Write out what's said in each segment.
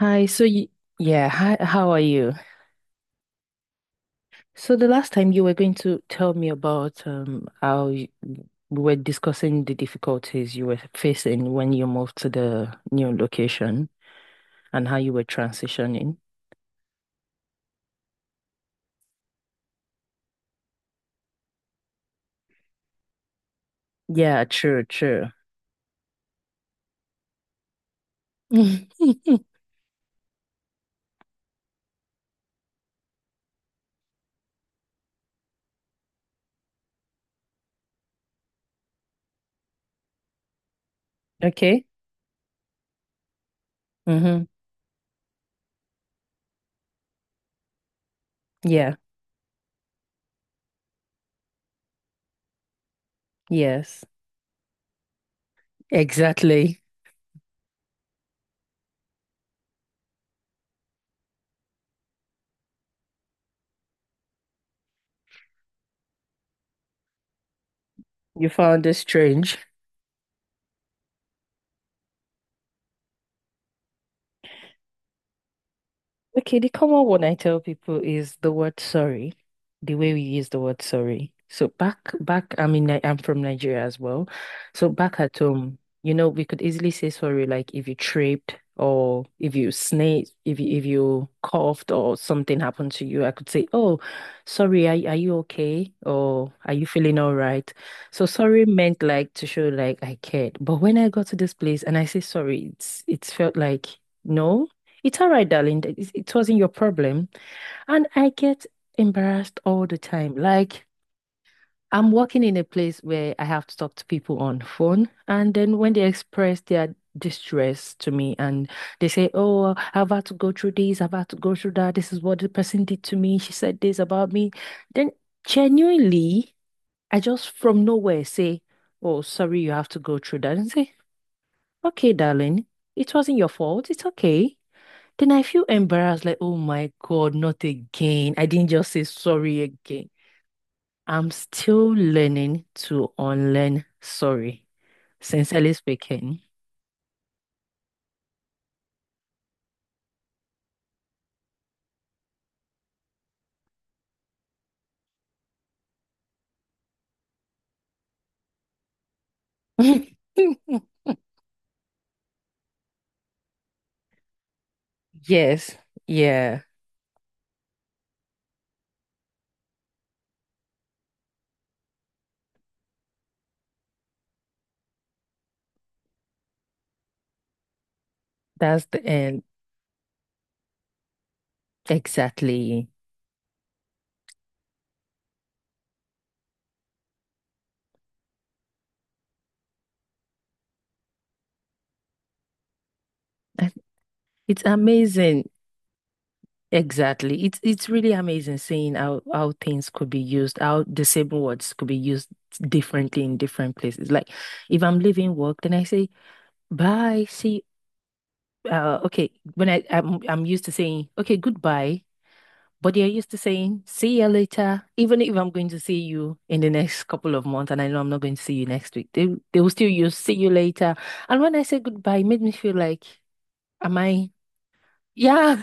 Hi, so you, yeah, hi, how are you? So the last time you were going to tell me about how you, we were discussing the difficulties you were facing when you moved to the new location and how you were transitioning. Yeah, true, true. Mhm. Okay. Mm-hmm. Yeah, yes, exactly. You found it strange. Okay, the common one I tell people is the word sorry, the way we use the word sorry. So back, I'm from Nigeria as well. So back at home, you know, we could easily say sorry, like if you tripped or if you sneezed, if you coughed or something happened to you, I could say, "Oh, sorry, are you okay? Or are you feeling all right?" So sorry meant like to show like I cared. But when I got to this place and I say sorry, it's felt like no. It's all right, darling. It wasn't your problem. And I get embarrassed all the time. Like, I'm working in a place where I have to talk to people on phone. And then when they express their distress to me and they say, "Oh, I've had to go through this, I've had to go through that. This is what the person did to me. She said this about me." Then genuinely, I just from nowhere say, "Oh, sorry, you have to go through that." And say, "Okay, darling, it wasn't your fault. It's okay." Then I feel embarrassed, like, oh my God, not again. I didn't just say sorry again. I'm still learning to unlearn sorry, sincerely speaking. Yes, yeah, that's the end. Exactly. I- It's amazing. Exactly. It's really amazing seeing how things could be used, how the same words could be used differently in different places. Like if I'm leaving work, then I say bye, see okay, when I'm used to saying okay, goodbye, but they're used to saying see you later, even if I'm going to see you in the next couple of months and I know I'm not going to see you next week. They will still use see you later. And when I say goodbye, it made me feel like, am I yeah,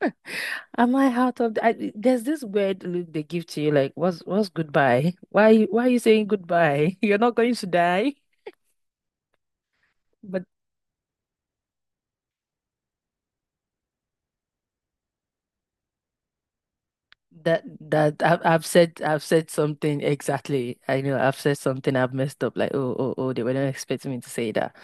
am I out of the, I, there's this weird look they give to you like what's goodbye? Why are you saying goodbye? You're not going to die. But That that I've said something exactly. I know I've said something I've messed up. Like oh, they were not expecting me to say that.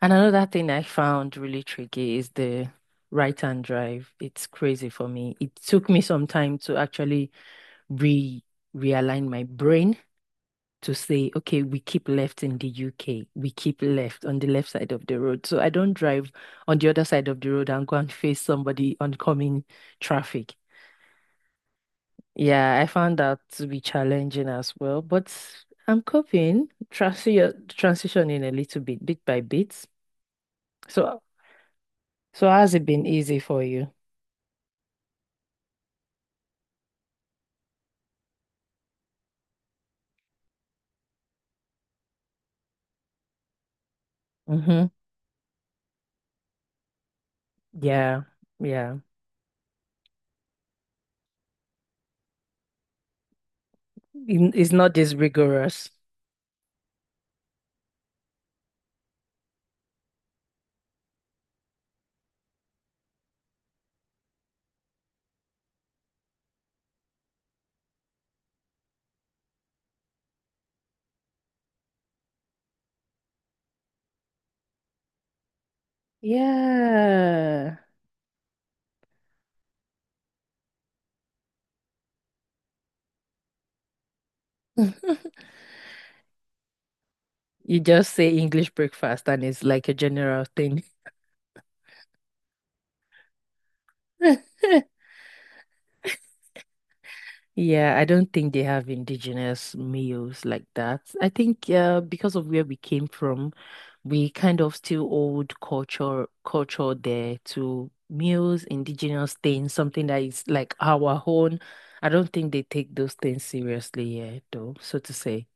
And another thing I found really tricky is the right-hand drive. It's crazy for me. It took me some time to actually re realign my brain to say, okay, we keep left in the UK. We keep left on the left side of the road. So I don't drive on the other side of the road and go and face somebody oncoming traffic. Yeah, I found that to be challenging as well, but I'm coping, transitioning a little bit, bit by bit. So, has it been easy for you? Hmm. Yeah, yeah. In- It's not this rigorous. Yeah. You just say English breakfast and it's like a general thing. Yeah, I don't think they have indigenous meals like that. I think because of where we came from. We kind of still hold culture there to muse indigenous things, something that is like our own. I don't think they take those things seriously here, though, so to say.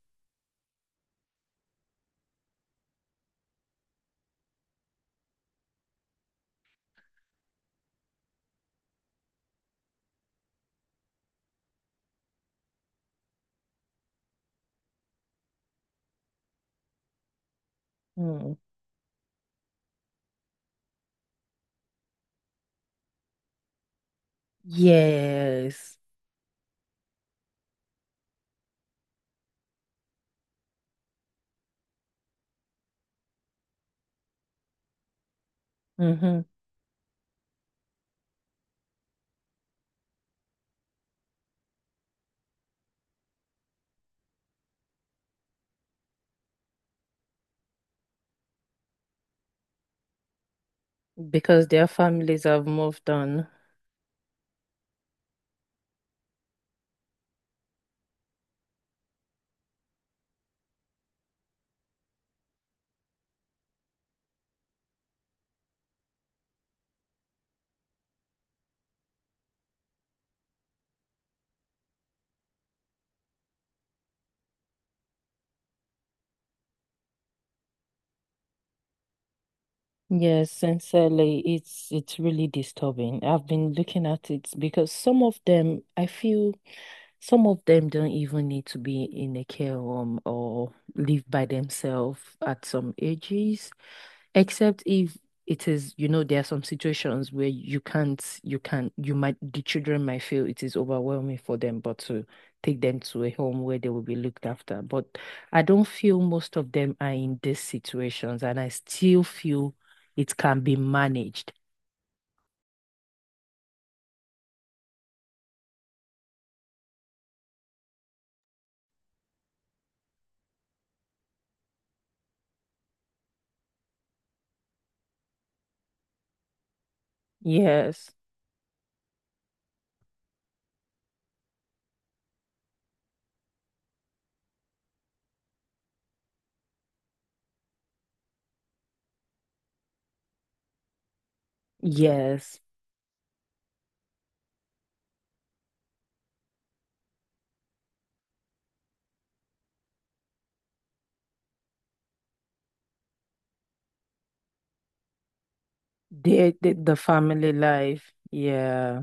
Mm. Yes. Hmm. Because their families have moved on. Yes, sincerely, it's really disturbing. I've been looking at it because some of them, I feel some of them don't even need to be in a care home or live by themselves at some ages, except if it is, you know, there are some situations where you can't, you can't, you might, the children might feel it is overwhelming for them, but to take them to a home where they will be looked after. But I don't feel most of them are in these situations, and I still feel it can be managed. Yes, yes, they, the family life, yeah.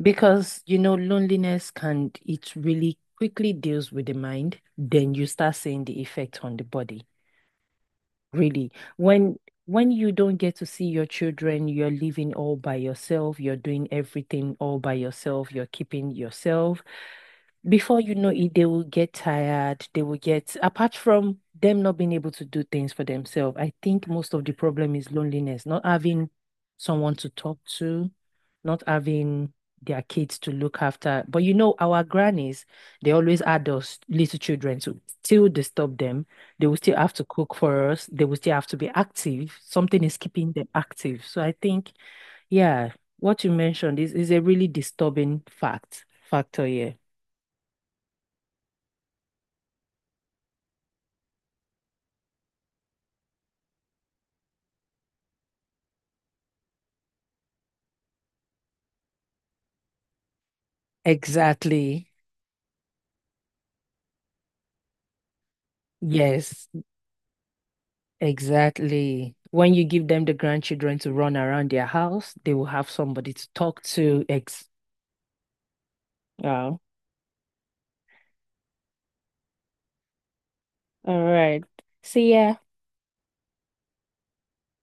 Because, you know, loneliness can, it really quickly deals with the mind. Then you start seeing the effect on the body. Really. When when you don't get to see your children, you're living all by yourself, you're doing everything all by yourself, you're keeping yourself. Before you know it, they will get tired. They will get, apart from them not being able to do things for themselves, I think most of the problem is loneliness, not having someone to talk to, not having their kids to look after. But you know, our grannies, they always had us little children to still disturb them. They will still have to cook for us. They will still have to be active. Something is keeping them active. So I think, yeah, what you mentioned is, a really disturbing factor here. Exactly. Yes, exactly. When you give them the grandchildren to run around their house, they will have somebody to talk to. Ex. Wow. All right. See ya.